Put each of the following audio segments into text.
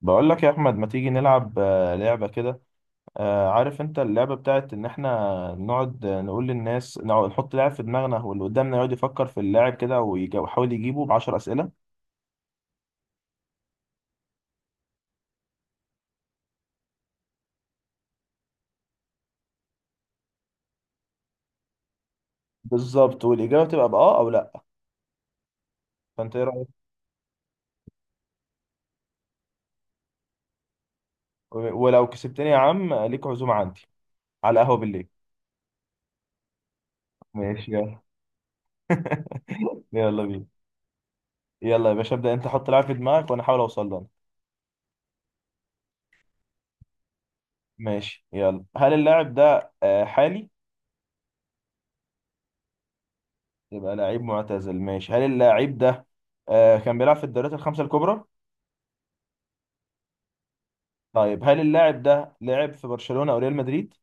بقول لك يا احمد، ما تيجي نلعب لعبه كده. عارف انت اللعبه بتاعت ان احنا نقعد، نقول للناس نقعد نحط لاعب في دماغنا واللي قدامنا يقعد يفكر في اللاعب كده، ويحاول يجيبه ب 10 اسئله. بالظبط، والاجابه تبقى باه او لا. فانت ايه رايك؟ ولو كسبتني يا عم، ليك عزومه عندي على القهوه بالليل. ماشي، يلا. يلا بينا. يلا يا باشا، ابدا انت، حط لاعب في دماغك وانا احاول اوصل له. ماشي يلا. هل اللاعب ده حالي؟ يبقى لعيب معتزل. ماشي. هل اللاعب ده كان بيلعب في الدوريات الخمسه الكبرى؟ طيب هل اللاعب ده لعب في برشلونة او ريال مدريد؟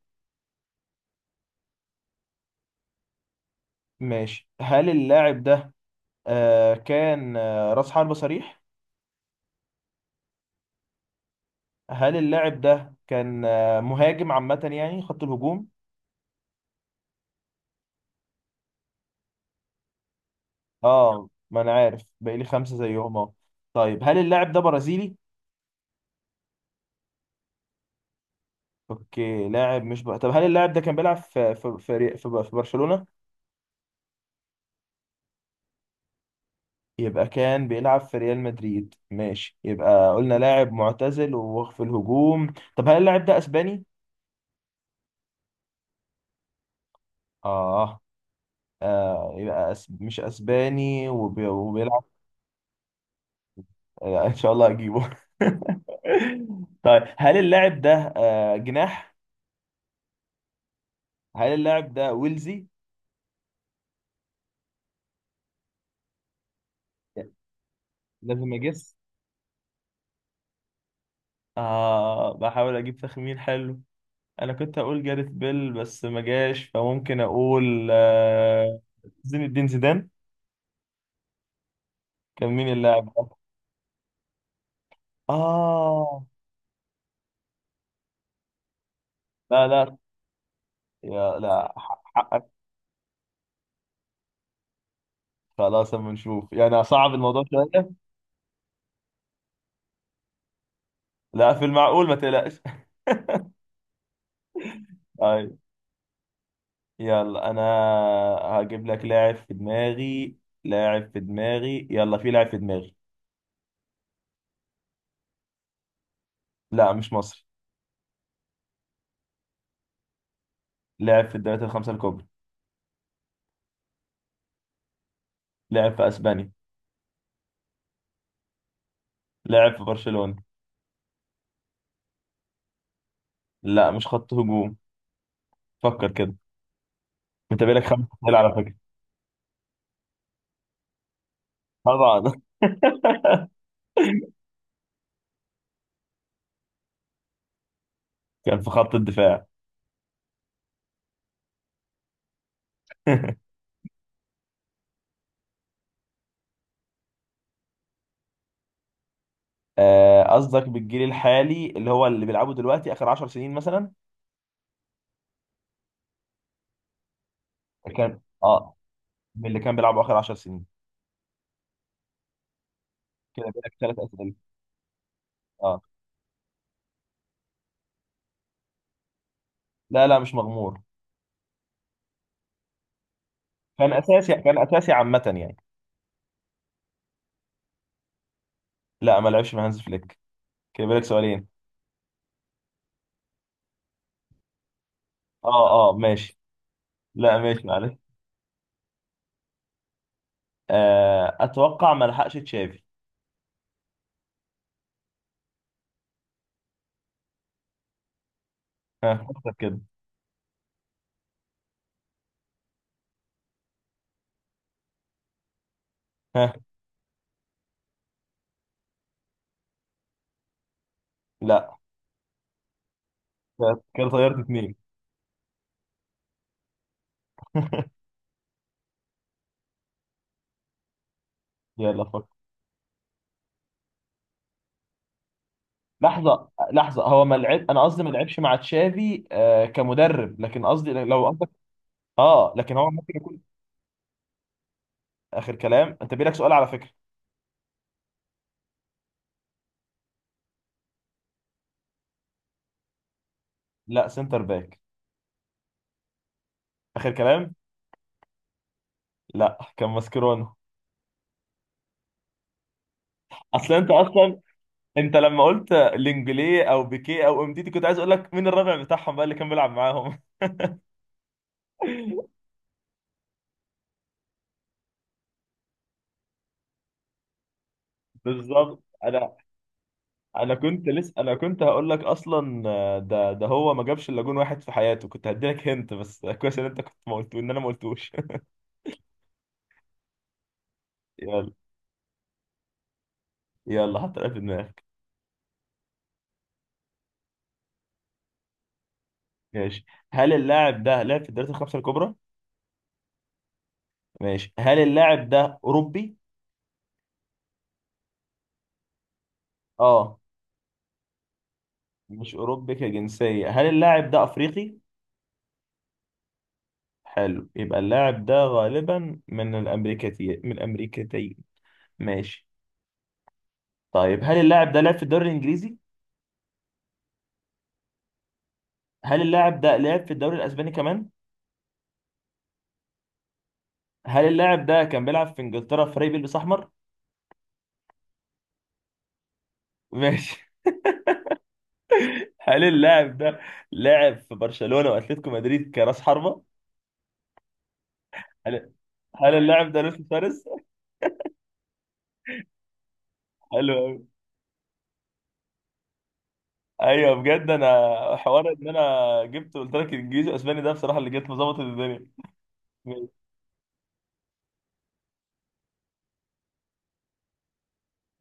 ماشي. هل اللاعب ده كان راس حربة صريح؟ هل اللاعب ده كان مهاجم عامة، يعني خط الهجوم؟ اه، ما انا عارف باقي لي خمسة زيهم. اه. طيب، هل اللاعب ده برازيلي؟ اوكي. لاعب مش ب... طب هل اللاعب ده كان بيلعب في برشلونة؟ يبقى كان بيلعب في ريال مدريد. ماشي. يبقى قلنا لاعب معتزل وفي الهجوم. طب هل اللاعب ده اسباني؟ اه. مش اسباني وبيلعب. ان شاء الله اجيبه. طيب، هل اللاعب ده جناح؟ هل اللاعب ده ويلزي؟ لازم اجس. بحاول اجيب تخمين حلو. انا كنت اقول جاريث بيل بس ما جاش، فممكن اقول زين الدين زيدان. كان مين اللاعب ده؟ اه. لا لا، يا لا حقك. خلاص، اما نشوف. يعني صعب الموضوع شويه. لا، في المعقول، ما تقلقش. طيب. يلا، انا هجيب لك لاعب في دماغي. لاعب في دماغي. يلا، في لاعب في دماغي. لا مش مصري. لاعب في الدوريات الخمسة الكبرى. لاعب في اسبانيا. لاعب في برشلونة. لا مش خط هجوم. فكر كده. انت بالك خمس اسئله على فكرة. طبعا. كان في خط الدفاع. قصدك بالجيل الحالي اللي هو اللي بيلعبه دلوقتي اخر 10 سنين مثلا؟ كان، اه. من اللي كان بيلعبه اخر 10 سنين. كده بالك ثلاث اسئله. اه. لا لا، مش مغمور. كان اساسي، كان اساسي عامة يعني. لا ما لعبش مع هانز فليك. كده بالك سؤالين. اه اه، ماشي. لا ماشي، معلش. اتوقع ما لحقش تشافي. ها، فكر كده. ها. لا. كده طيرت اتنين. يلا فكر. لحظة لحظة، هو ما لعب، أنا قصدي ما لعبش مع تشافي كمدرب، لكن قصدي لو قصدك. لكن هو ممكن يكون. آخر كلام، أنت بيلك سؤال على فكرة. لا، سنتر باك. آخر كلام. لا، كان ماسكيرونو. أصل أنت أصلا، انت لما قلت لينجلي او بيكيه او ام دي دي، كنت عايز اقول لك مين الرابع بتاعهم بقى اللي كان بيلعب معاهم. بالظبط. انا كنت لسه، انا كنت هقول لك اصلا، ده هو ما جابش الا جون واحد في حياته، كنت هديلك هنت بس. كويس ان انت كنت ما قلت ان انا ما قلتوش. يلا. يلا حط لعيب في دماغك. ماشي. هل اللاعب ده لعب في الدوريات الخمسه الكبرى؟ ماشي. هل اللاعب ده اوروبي؟ اه. مش اوروبي كجنسيه. هل اللاعب ده افريقي؟ حلو. يبقى اللاعب ده غالبا من الامريكتي، من الامريكتين. ماشي. طيب، هل اللاعب ده لعب في الدوري الانجليزي؟ هل اللاعب ده لعب في الدوري الاسباني كمان؟ هل اللاعب ده كان بيلعب في انجلترا، في فريق بيلبس احمر؟ ماشي. هل اللاعب ده لعب في برشلونة واتلتيكو مدريد كراس حربة؟ هل هل اللاعب ده لويس سواريز؟ حلو أوي. ايوه بجد. انا حوار ان انا جبت قلت لك انجليزي واسباني ده بصراحة اللي جت مظبط الدنيا. ماشي.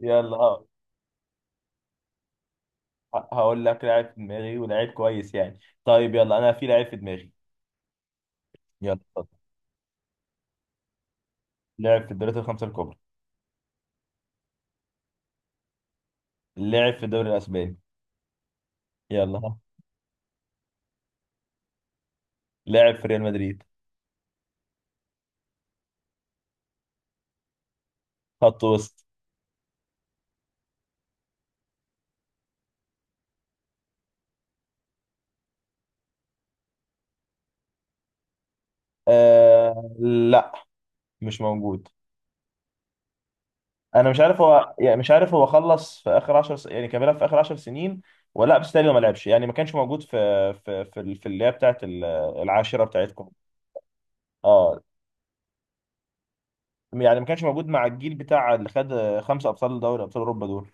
يلا، ها. هقول لك لاعب في دماغي ولاعيب كويس يعني. طيب، يلا، انا في لاعب في دماغي. يلا اتفضل. لعب في الدوريات الخمسة الكبرى. لعب في الدوري الاسباني. يلا، ها. لعب في ريال مدريد. خط وسط. لا، مش موجود. انا مش عارف، هو يعني مش عارف، هو خلص في اخر 10 يعني كان بيلعب في اخر 10 سنين ولا لا؟ بس تقريبا ما لعبش يعني، ما كانش موجود في اللي هي بتاعت العاشره بتاعتكم. اه. يعني ما كانش موجود مع الجيل بتاع اللي خد خمسه ابطال دوري ابطال اوروبا دول،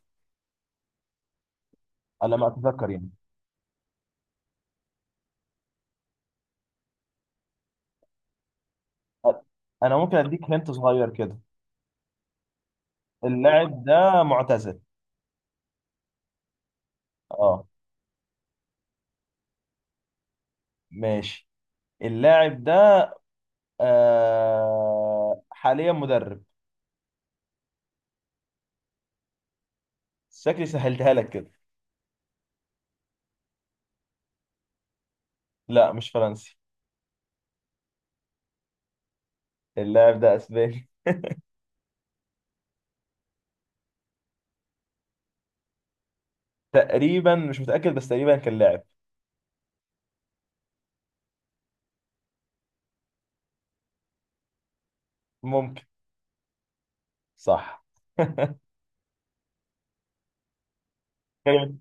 على ما اتذكر يعني. انا ممكن اديك هنت صغير كده. اللاعب ده معتزل. اه، ماشي. اللاعب ده حاليا مدرب. شكلي سهلتها لك كده. لا مش فرنسي. اللاعب ده اسباني. تقريبا مش متأكد، بس تقريبا كان لاعب. ممكن. صح. كده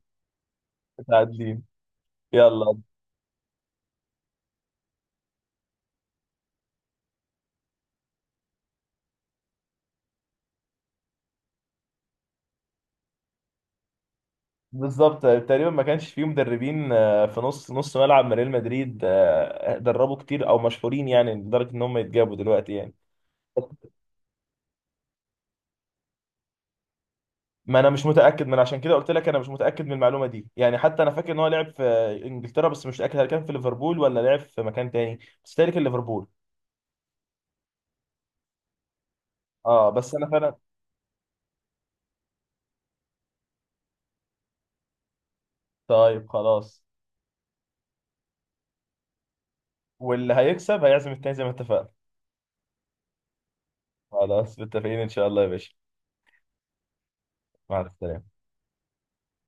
متعادلين. يلا. بالظبط. تقريبا ما كانش فيه مدربين في نص نص ملعب من ريال مدريد دربوا كتير او مشهورين يعني لدرجة ان هم يتجابوا دلوقتي يعني. ما انا مش متاكد، من عشان كده قلت لك انا مش متاكد من المعلومه دي يعني. حتى انا فاكر ان هو لعب في انجلترا، بس مش متاكد هل كان في ليفربول ولا لعب في مكان تاني. بس تاني كان ليفربول. اه بس انا فعلا. طيب خلاص. واللي هيكسب هيعزم التاني زي ما اتفقنا. خلاص متفقين ان شاء الله يا باشا. مع السلامه.